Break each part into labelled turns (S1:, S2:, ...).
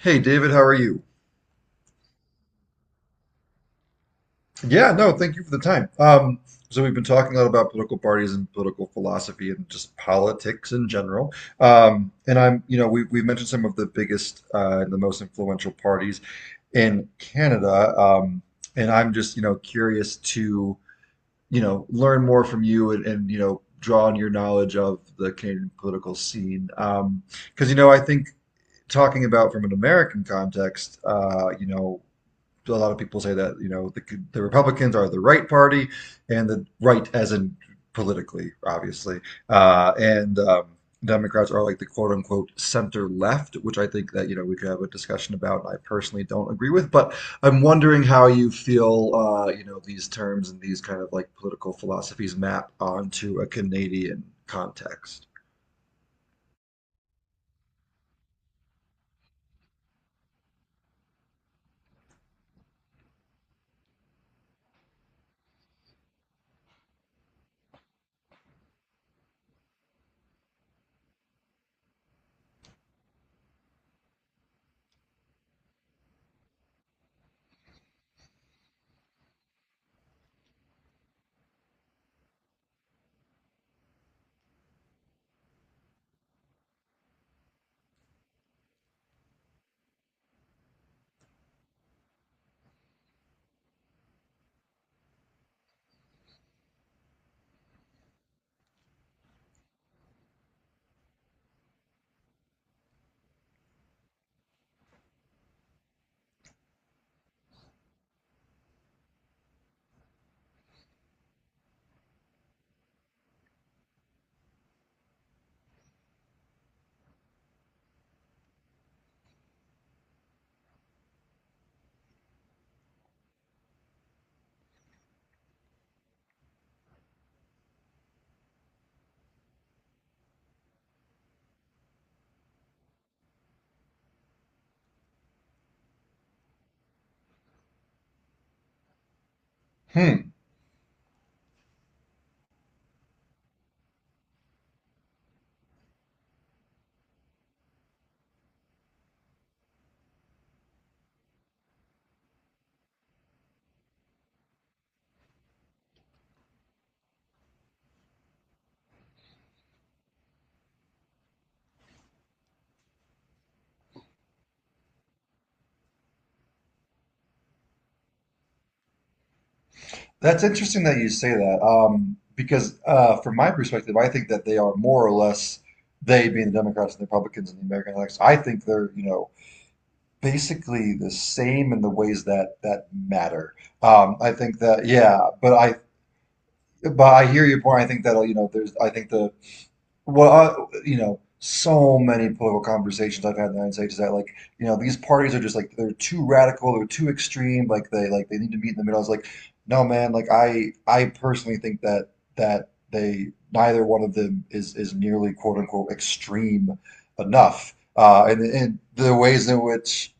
S1: Hey, David, how are you? Yeah, no, thank you for the time. So we've been talking a lot about political parties and political philosophy and just politics in general. And I'm, you know, we've mentioned some of the biggest the most influential parties in Canada. And I'm just, you know, curious to, you know, learn more from you and, and draw on your knowledge of the Canadian political scene. Because, you know, I think talking about from an American context, you know, a lot of people say that you know the Republicans are the right party, and the right as in politically, obviously, and Democrats are like the quote unquote center left, which I think that you know we could have a discussion about. And I personally don't agree with. But I'm wondering how you feel you know, these terms and these kind of like political philosophies map onto a Canadian context. Hmm. That's interesting that you say that, because from my perspective, I think that they are more or less, they being the Democrats and the Republicans and the American election. I think they're, you know, basically the same in the ways that that matter. I think that yeah, but I, but I hear your point. I think that you know there's, I think the, well, I, you know, so many political conversations I've had in the United States is that like, you know, these parties are just like they're too radical, they're too extreme, like they need to meet in the middle. I was like, no, man, like I personally think that that they neither one of them is nearly quote unquote extreme enough. And and the ways in which,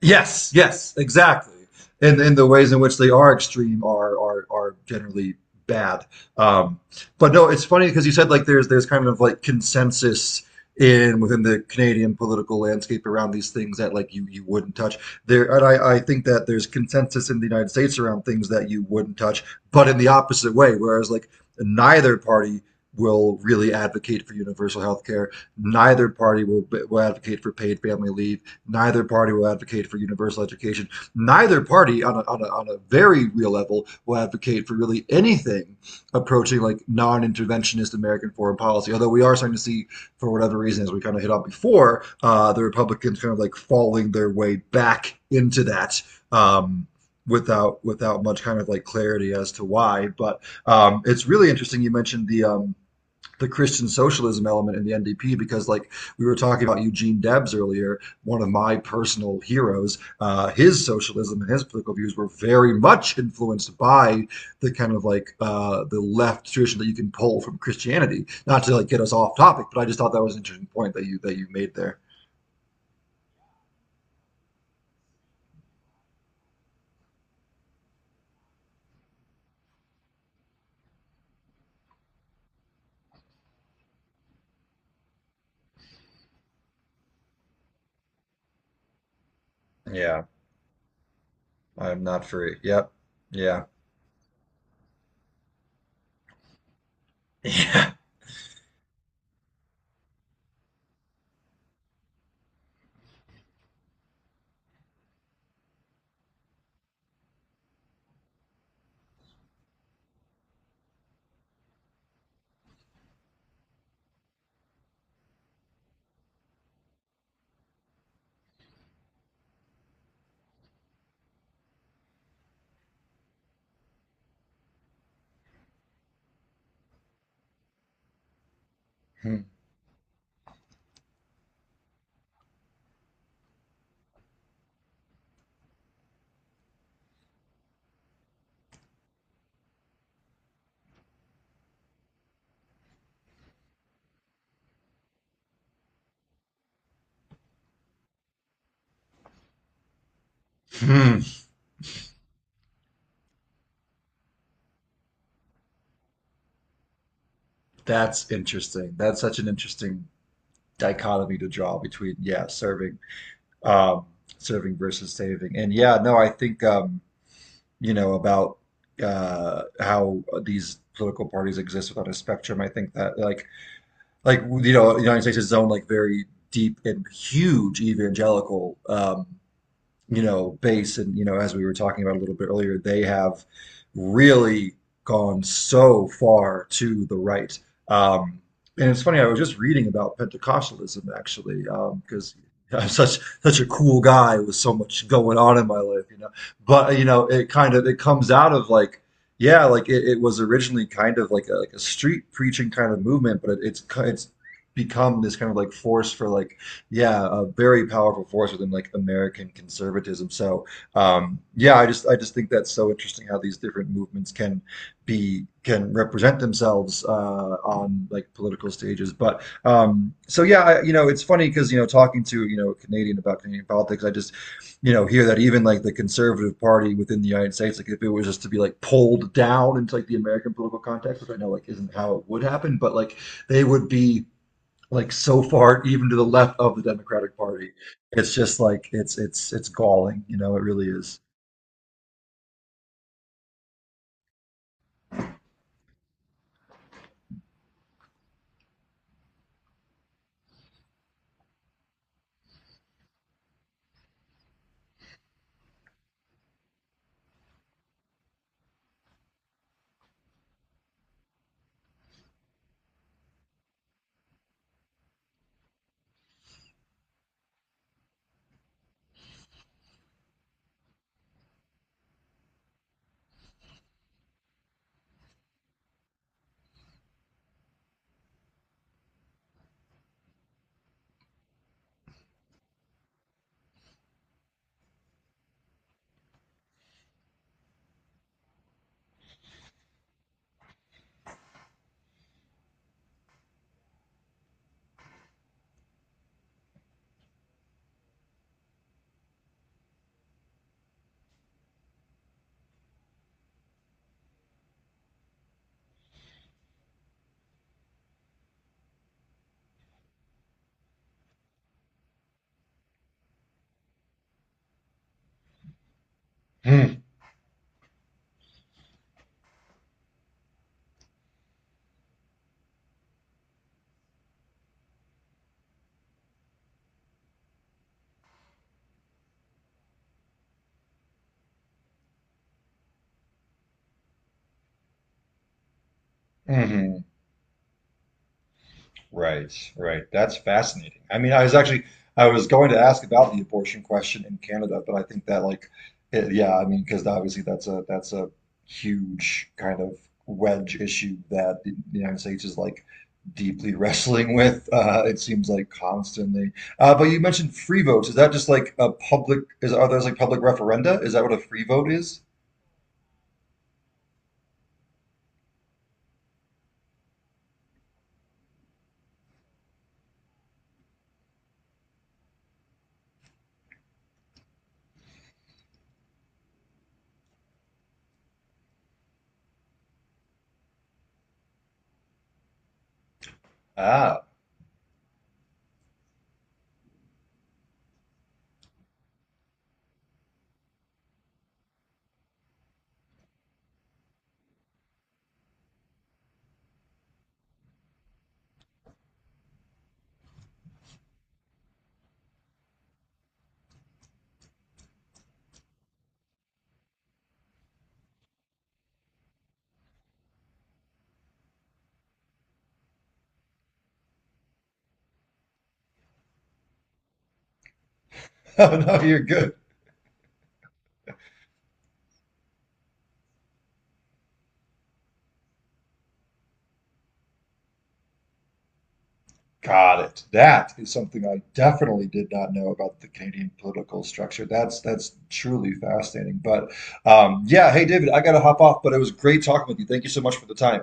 S1: yes, yes, exactly. And the ways in which they are extreme are generally bad. Um, but no, it's funny because you said like there's kind of like consensus in within the Canadian political landscape around these things that like you wouldn't touch. There and I think that there's consensus in the United States around things that you wouldn't touch, but in the opposite way, whereas like neither party will really advocate for universal health care. Neither party will advocate for paid family leave. Neither party will advocate for universal education. Neither party, on a, on a, on a very real level, will advocate for really anything approaching like non interventionist American foreign policy. Although we are starting to see, for whatever reason, as we kind of hit on before, the Republicans kind of like falling their way back into that. Um, without without much kind of like clarity as to why. But it's really interesting you mentioned the Christian socialism element in the NDP because, like, we were talking about Eugene Debs earlier, one of my personal heroes. His socialism and his political views were very much influenced by the kind of like the left tradition that you can pull from Christianity. Not to like get us off topic, but I just thought that was an interesting point that you made there. Yeah, I'm not free. Yep. Yeah. Yeah. Hmm. Hmm. That's interesting. That's such an interesting dichotomy to draw between yeah serving, um, serving versus saving. And yeah no I think you know about how these political parties exist without a spectrum, I think that like you know the United States is own like very deep and huge evangelical you know, base. And, you know, as we were talking about a little bit earlier, they have really gone so far to the right. Um, and it's funny, I was just reading about Pentecostalism actually, because I'm such a cool guy with so much going on in my life, you know. But you know, it kind of it comes out of like, yeah, like it was originally kind of like a street preaching kind of movement, but it, it's become this kind of like force for like, yeah, a very powerful force within like American conservatism. So yeah, I just think that's so interesting how these different movements can be, can represent themselves on like political stages. But so yeah, I, you know, it's funny because you know talking to you know a Canadian about Canadian politics, I just you know hear that even like the Conservative Party within the United States, like if it was just to be like pulled down into like the American political context, which I know like isn't how it would happen, but like they would be like so far even to the left of the Democratic Party. It's just like it's galling, you know, it really is. Mm-hmm. Right, right. That's fascinating. I mean, I was actually, I was going to ask about the abortion question in Canada, but I think that like it, yeah, I mean, because obviously that's a, that's a huge kind of wedge issue that the United States is like deeply wrestling with. It seems like constantly. But you mentioned free votes. Is that just like a public? Is are those like public referenda? Is that what a free vote is? Ah, no, you're good. Got it. That is something I definitely did not know about the Canadian political structure. That's truly fascinating. But yeah, hey David, I gotta hop off, but it was great talking with you. Thank you so much for the time.